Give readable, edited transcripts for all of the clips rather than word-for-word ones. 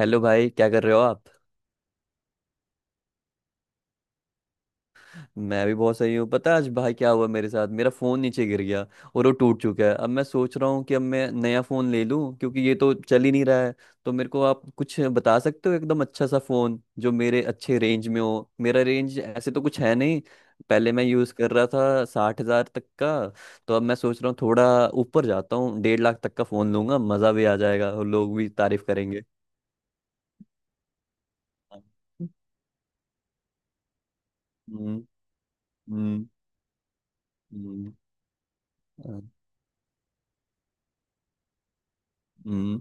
Hello भाई, क्या कर रहे हो आप। मैं भी बहुत सही हूँ। पता है आज भाई क्या हुआ मेरे साथ, मेरा फ़ोन नीचे गिर गया और वो टूट चुका है। अब मैं सोच रहा हूँ कि अब मैं नया फ़ोन ले लूँ, क्योंकि ये तो चल ही नहीं रहा है। तो मेरे को आप कुछ बता सकते हो, एकदम अच्छा सा फ़ोन जो मेरे अच्छे रेंज में हो। मेरा रेंज ऐसे तो कुछ है नहीं, पहले मैं यूज़ कर रहा था 60,000 तक का। तो अब मैं सोच रहा हूँ थोड़ा ऊपर जाता हूँ, 1,50,000 तक का फ़ोन लूंगा, मज़ा भी आ जाएगा और लोग भी तारीफ़ करेंगे। हम्म। हम्म। हम्म। हम्म।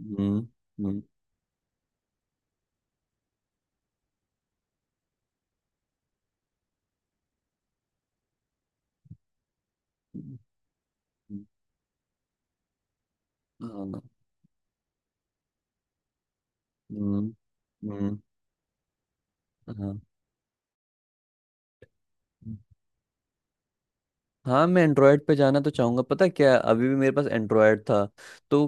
हम्म। हम्म। हम्म, हाँ, हम्म। हम्म, हाँ। हाँ, मैं एंड्रॉयड पे जाना तो चाहूंगा। पता है क्या, अभी भी मेरे पास एंड्रॉयड था। तो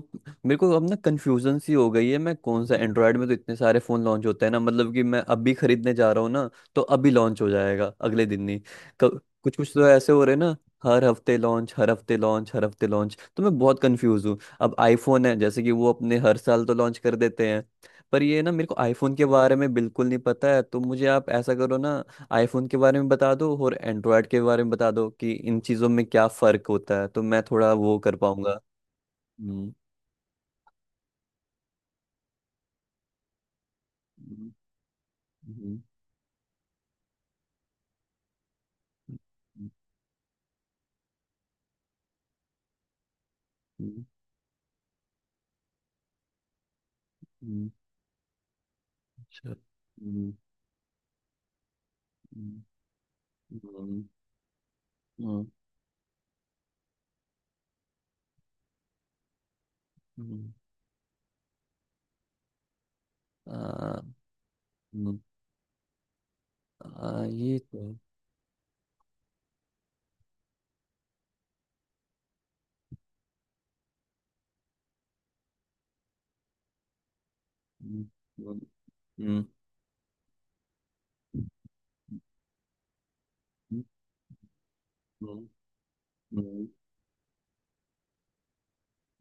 मेरे को अब ना कंफ्यूजन सी हो गई है। मैं कौन सा, एंड्रॉयड में तो इतने सारे फ़ोन लॉन्च होते हैं ना, मतलब कि मैं अभी खरीदने जा रहा हूँ ना, तो अभी लॉन्च हो जाएगा अगले दिन ही, कुछ कुछ तो ऐसे हो रहे हैं ना। हर हफ्ते लॉन्च, हर हफ्ते लॉन्च, हर हफ्ते लॉन्च। तो मैं बहुत कंफ्यूज हूँ। अब आईफोन है, जैसे कि वो अपने हर साल तो लॉन्च कर देते हैं। पर ये ना, मेरे को आईफोन के बारे में बिल्कुल नहीं पता है। तो मुझे आप ऐसा करो ना, आईफोन के बारे में बता दो और एंड्रॉयड के बारे में बता दो कि इन चीज़ों में क्या फ़र्क होता है, तो मैं थोड़ा वो कर पाऊंगा। हम्म। हम्म, हम्म, हम्म, हम्म, हम्म, अच्छा, हम्म, हम्म, हम्म, हम्म, आ, हम्म, ये तो। हम्म, हम्म, हम्म, हम्म, हम्म,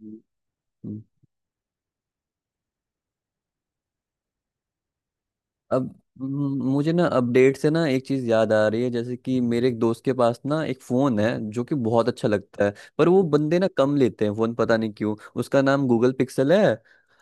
हम्म, हम्म। अब मुझे ना अपडेट से ना एक चीज़ याद आ रही है। जैसे कि मेरे एक दोस्त के पास ना एक फ़ोन है जो कि बहुत अच्छा लगता है, पर वो बंदे ना कम लेते हैं फ़ोन, पता नहीं क्यों। उसका नाम गूगल पिक्सल है।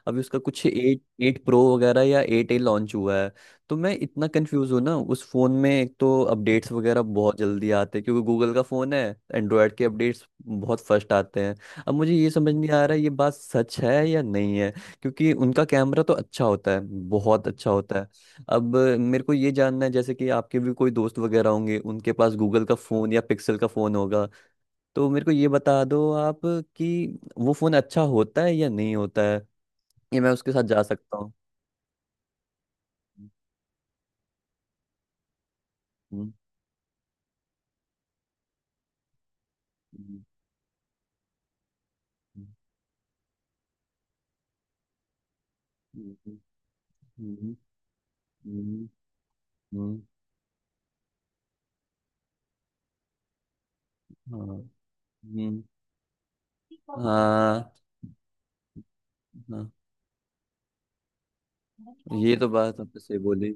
अभी उसका कुछ 8, 8 Pro वगैरह या 8a लॉन्च हुआ है। तो मैं इतना कंफ्यूज हूँ ना, उस फ़ोन में एक तो अपडेट्स वगैरह बहुत जल्दी आते हैं क्योंकि गूगल का फ़ोन है, एंड्रॉयड के अपडेट्स बहुत फर्स्ट आते हैं। अब मुझे ये समझ नहीं आ रहा है, ये बात सच है या नहीं है, क्योंकि उनका कैमरा तो अच्छा होता है, बहुत अच्छा होता है। अब मेरे को ये जानना है, जैसे कि आपके भी कोई दोस्त वगैरह होंगे उनके पास गूगल का फ़ोन या पिक्सल का फ़ोन होगा, तो मेरे को ये बता दो आप, कि वो फ़ोन अच्छा होता है या नहीं होता है, ये मैं उसके साथ जा सकता हूँ। हम्म, हम्म, हम्म, हम्म, हम्म, हम्म, हम्म, हाँ। हाँ। हाँ, ये तो बात आपने सही बोली।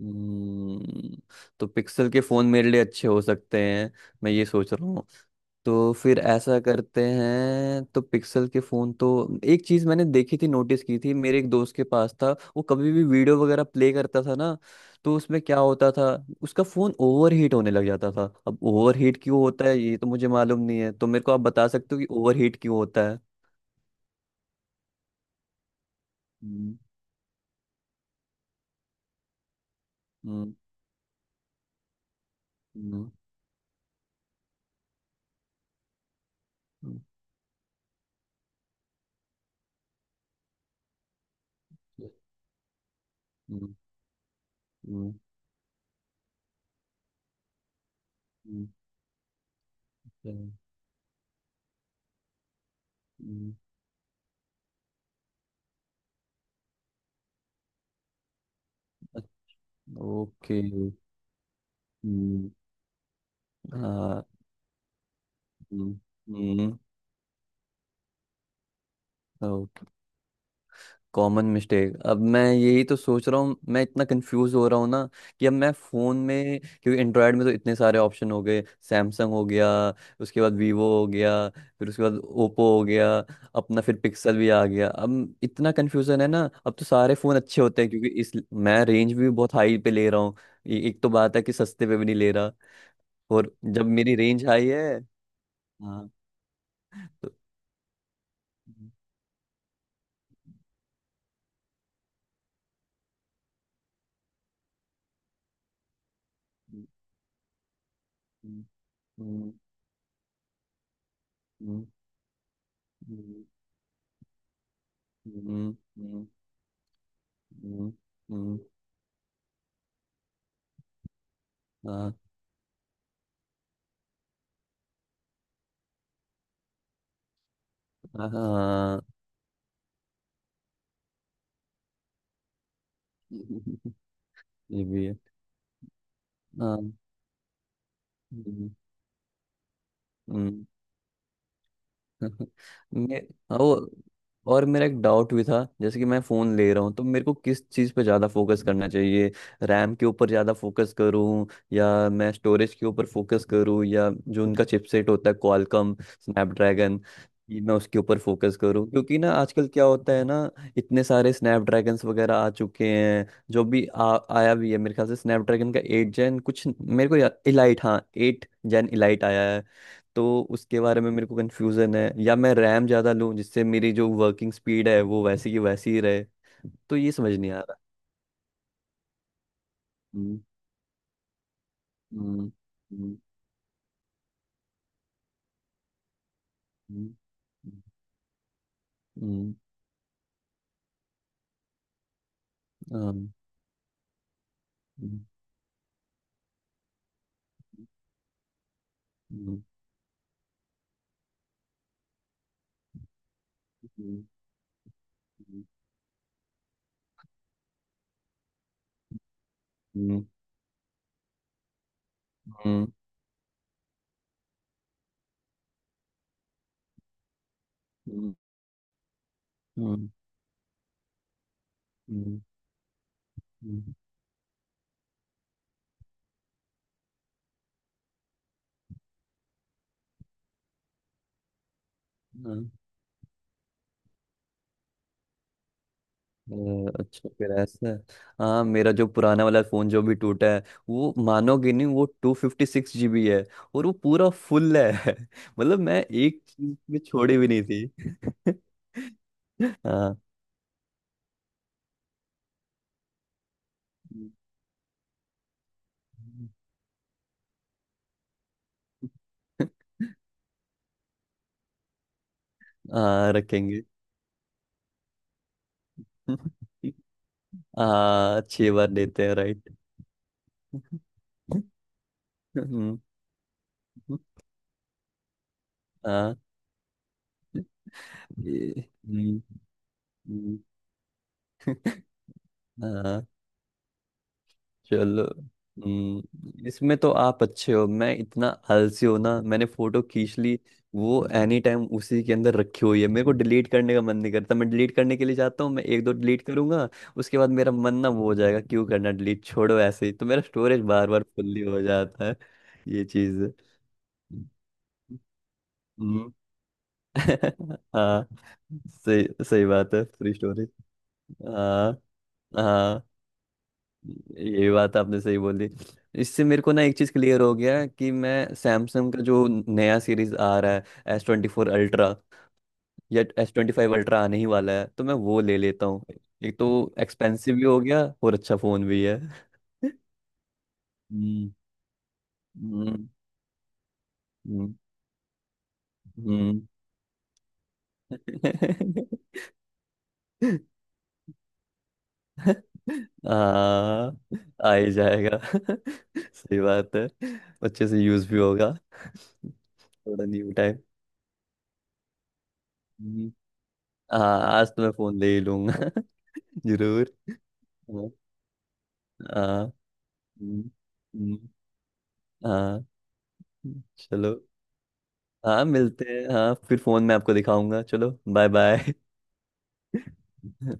हम्म, तो पिक्सल के फ़ोन मेरे लिए अच्छे हो सकते हैं, मैं ये सोच रहा हूँ। तो फिर ऐसा करते हैं, तो पिक्सल के फोन तो, एक चीज मैंने देखी थी, नोटिस की थी मेरे एक दोस्त के पास था। वो कभी भी वीडियो वगैरह प्ले करता था ना, तो उसमें क्या होता था, उसका फोन ओवर हीट होने लग जाता था। अब ओवर हीट क्यों होता है ये तो मुझे मालूम नहीं है, तो मेरे को आप बता सकते हो कि ओवर हीट क्यों होता है। हम्म। हम्म। हम्म। हम्म। हम्म। हम्म। हम्म, हम्म, हम्म, अच्छा, ओके। हम्म। हाँ। हम्म। हम्म, कॉमन मिस्टेक। अब मैं यही तो सोच रहा हूँ, मैं इतना कंफ्यूज हो रहा हूँ ना, कि अब मैं फ़ोन में, क्योंकि एंड्रॉयड में तो इतने सारे ऑप्शन हो गए। सैमसंग हो गया, उसके बाद वीवो हो गया, फिर उसके बाद ओप्पो हो गया, अपना फिर पिक्सल भी आ गया। अब इतना कन्फ्यूज़न है ना, अब तो सारे फ़ोन अच्छे होते हैं, क्योंकि इस मैं रेंज भी बहुत हाई पे ले रहा हूँ। एक तो बात है कि सस्ते पे भी नहीं ले रहा, और जब मेरी रेंज हाई है। हाँ। तो। हम्म, हम्म, हम्म, हम्म, हम्म, हम्म, हम्म, हम्म, हम्म, हाँ हाँ हाँ, ये भी है। हाँ। हम्म, हम्म, मे वो और मेरा एक डाउट भी था, जैसे कि मैं फ़ोन ले रहा हूँ, तो मेरे को किस चीज़ पे ज़्यादा फोकस करना चाहिए। रैम के ऊपर ज़्यादा फोकस करूँ, या मैं स्टोरेज के ऊपर फोकस करूँ, या जो उनका चिपसेट होता है, क्वालकॉम स्नैपड्रैगन, ये मैं उसके ऊपर फोकस करूँ। क्योंकि ना आजकल क्या होता है ना, इतने सारे स्नैपड्रैगन्स वगैरह आ चुके हैं। जो भी आया भी है मेरे ख्याल से स्नैपड्रैगन का 8 Gen कुछ, मेरे को इलाइट, हाँ 8 Gen Elite आया है। तो उसके बारे में मेरे को कन्फ्यूज़न है, या मैं रैम ज़्यादा लूँ जिससे मेरी जो वर्किंग स्पीड है वो वैसी की वैसी ही रहे, तो ये समझ नहीं आ रहा। हम्म। हम्म। हम्म। हम्म। हम्म, हम्म, हम्म, हम्म, हम्म, हम्म, हम्म, हम्म, हम्म, हम्म, हम्म, हम्म, अच्छा फिर ऐसा है। हाँ, मेरा जो पुराना वाला फ़ोन जो भी टूटा है, वो मानोगे नहीं, वो 256 GB है, और वो पूरा फुल है मतलब मैं एक चीज में छोड़ी भी नहीं थी। हाँ। हाँ रखेंगे। हाँ, छह बार देते हैं, राइट। हाँ। ये- हम्म, हम्म, हाँ। चलो। इसमें तो आप अच्छे हो, मैं इतना आलसी हो ना, मैंने फोटो खींच ली वो एनी टाइम उसी के अंदर रखी हुई है। मेरे को डिलीट करने का मन नहीं करता, मैं डिलीट करने के लिए जाता हूँ, मैं एक दो डिलीट करूंगा, उसके बाद मेरा मन ना वो हो जाएगा, क्यों करना डिलीट, छोड़ो। ऐसे ही तो मेरा स्टोरेज बार बार फुल्ली हो जाता है। ये चीज है। हम्म। हाँ, सही सही बात है, फ्री स्टोरेज। हाँ। हाँ, ये बात आपने सही बोली। इससे मेरे को ना एक चीज क्लियर हो गया, कि मैं सैमसंग का जो नया सीरीज आ रहा है, S24 Ultra या S25 Ultra आने ही वाला है, तो मैं वो ले लेता हूँ। एक तो एक्सपेंसिव भी हो गया और अच्छा फोन भी है। हम्म। हम्म। हम्म, हम्म। हाँ, आ ही जाएगा। सही बात है। अच्छे से यूज भी होगा, थोड़ा न्यू टाइप। हाँ, आज तो मैं फोन ले ही लूंगा। जरूर। हाँ। हाँ। हम्म, हम्म, हाँ, चलो। हाँ मिलते हैं, हाँ फिर फोन में आपको दिखाऊंगा, चलो बाय बाय।